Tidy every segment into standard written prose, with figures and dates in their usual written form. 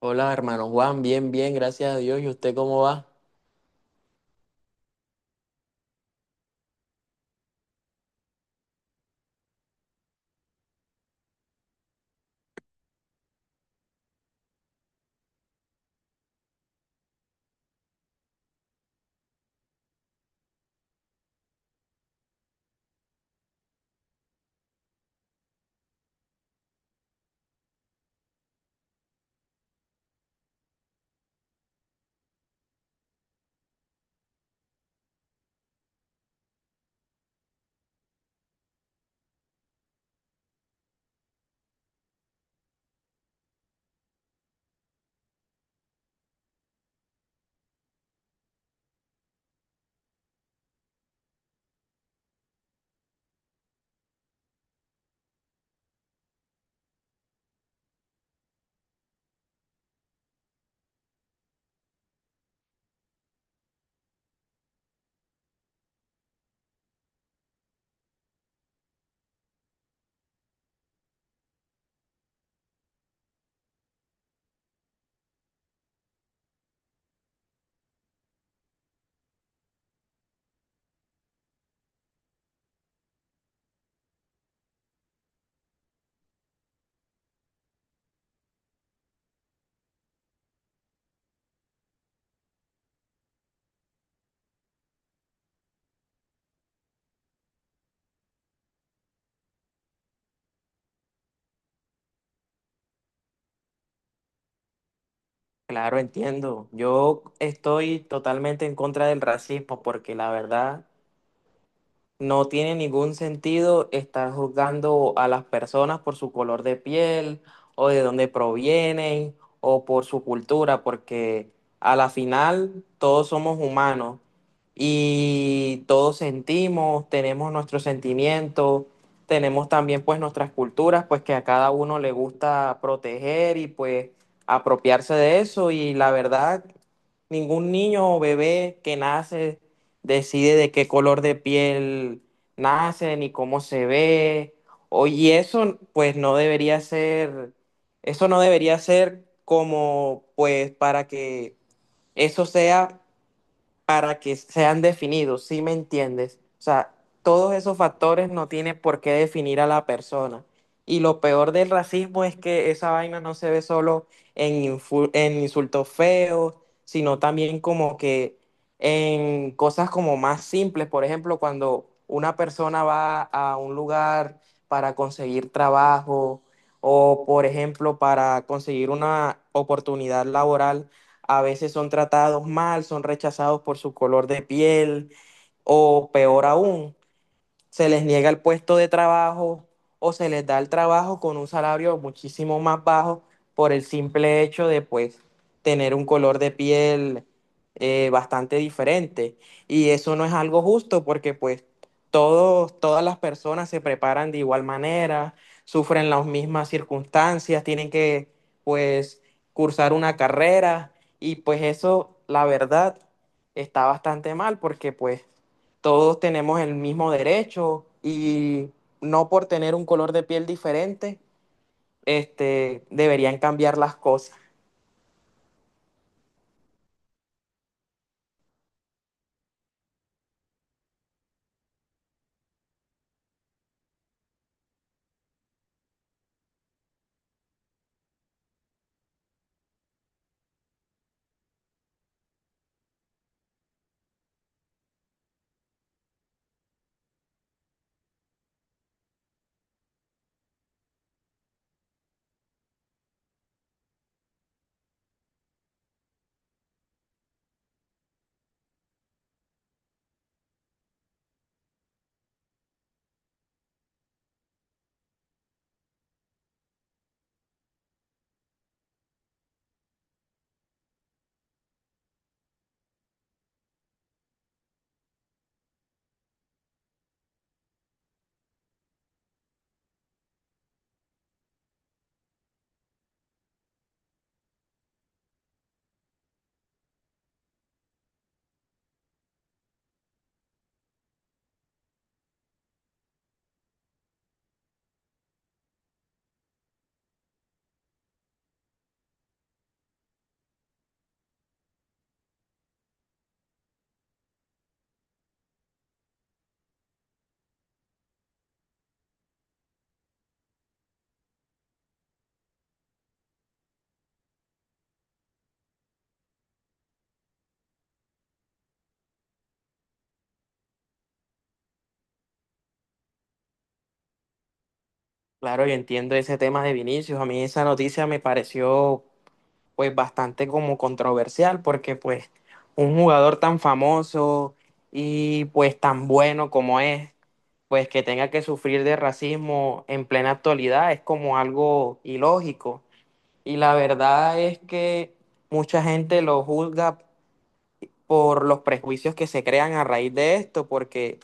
Hola, hermano Juan, bien, bien, gracias a Dios. ¿Y usted cómo va? Claro, entiendo. Yo estoy totalmente en contra del racismo porque la verdad, no tiene ningún sentido estar juzgando a las personas por su color de piel o de dónde provienen o por su cultura, porque a la final todos somos humanos y todos sentimos, tenemos nuestros sentimientos, tenemos también pues nuestras culturas, pues que a cada uno le gusta proteger y pues apropiarse de eso. Y la verdad, ningún niño o bebé que nace decide de qué color de piel nacen y cómo se ve. Y eso, pues, no debería ser, eso no debería ser como, pues, para que eso sea para que sean definidos, ¿sí me entiendes? O sea, todos esos factores no tiene por qué definir a la persona. Y lo peor del racismo es que esa vaina no se ve solo en, en insultos feos, sino también como que en cosas como más simples. Por ejemplo, cuando una persona va a un lugar para conseguir trabajo o, por ejemplo, para conseguir una oportunidad laboral, a veces son tratados mal, son rechazados por su color de piel o peor aún, se les niega el puesto de trabajo o se les da el trabajo con un salario muchísimo más bajo por el simple hecho de pues tener un color de piel bastante diferente. Y eso no es algo justo porque pues todos, todas las personas se preparan de igual manera, sufren las mismas circunstancias, tienen que pues cursar una carrera, y pues eso, la verdad, está bastante mal porque pues todos tenemos el mismo derecho y no por tener un color de piel diferente, este, deberían cambiar las cosas. Claro, yo entiendo ese tema de Vinicius. A mí esa noticia me pareció pues bastante como controversial porque pues un jugador tan famoso y pues tan bueno como es, pues que tenga que sufrir de racismo en plena actualidad es como algo ilógico. Y la verdad es que mucha gente lo juzga por los prejuicios que se crean a raíz de esto, porque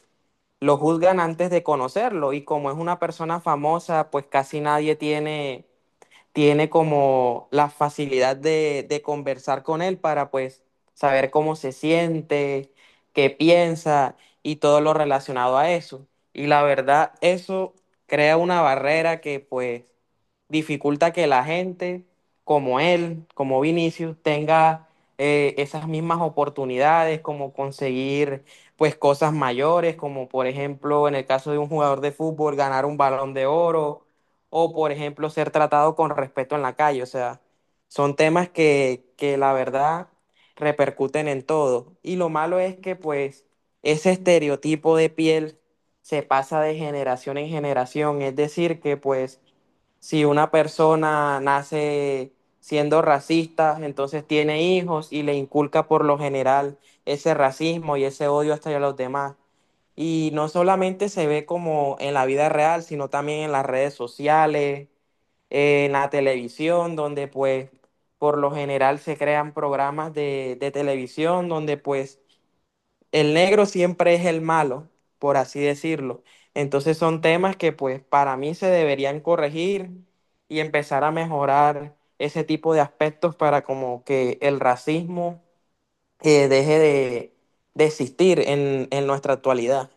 lo juzgan antes de conocerlo y como es una persona famosa, pues casi nadie tiene como la facilidad de conversar con él para pues saber cómo se siente, qué piensa y todo lo relacionado a eso. Y la verdad, eso crea una barrera que pues dificulta que la gente como él, como Vinicius, tenga esas mismas oportunidades, como conseguir pues cosas mayores, como por ejemplo en el caso de un jugador de fútbol, ganar un balón de oro o por ejemplo ser tratado con respeto en la calle. O sea, son temas que la verdad repercuten en todo. Y lo malo es que pues ese estereotipo de piel se pasa de generación en generación. Es decir, que pues si una persona nace siendo racista, entonces tiene hijos y le inculca por lo general ese racismo y ese odio hasta a los demás. Y no solamente se ve como en la vida real, sino también en las redes sociales, en la televisión, donde pues por lo general se crean programas de televisión donde pues el negro siempre es el malo, por así decirlo. Entonces son temas que pues para mí se deberían corregir y empezar a mejorar ese tipo de aspectos para como que el racismo deje de existir en nuestra actualidad.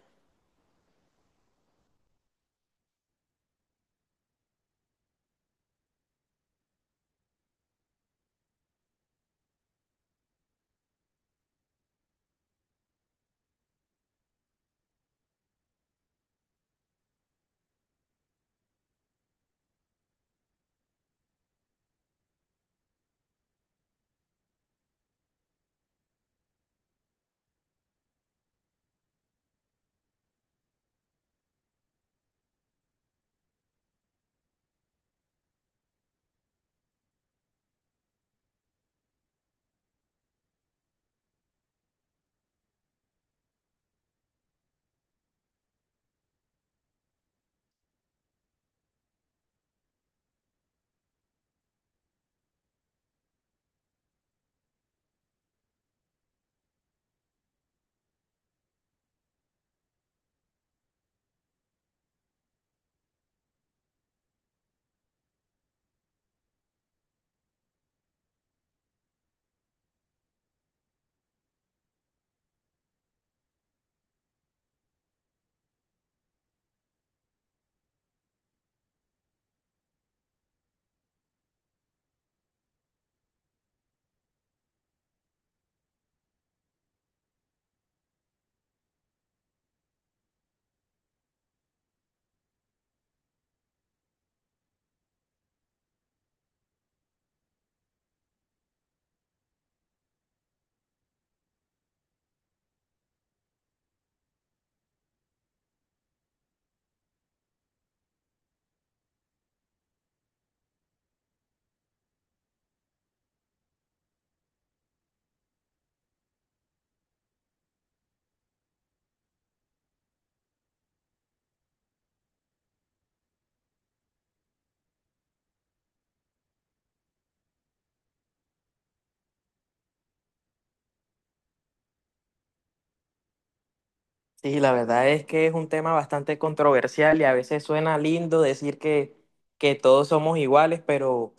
Sí, la verdad es que es un tema bastante controversial y a veces suena lindo decir que todos somos iguales, pero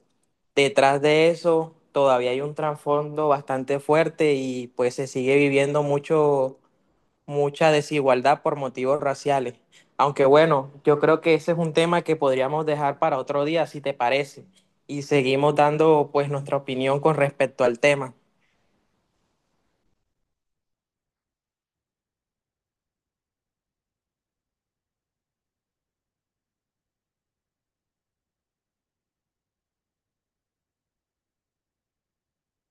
detrás de eso todavía hay un trasfondo bastante fuerte y pues se sigue viviendo mucho, mucha desigualdad por motivos raciales. Aunque bueno, yo creo que ese es un tema que podríamos dejar para otro día, si te parece, y seguimos dando pues nuestra opinión con respecto al tema.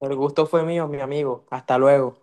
El gusto fue mío, mi amigo. Hasta luego.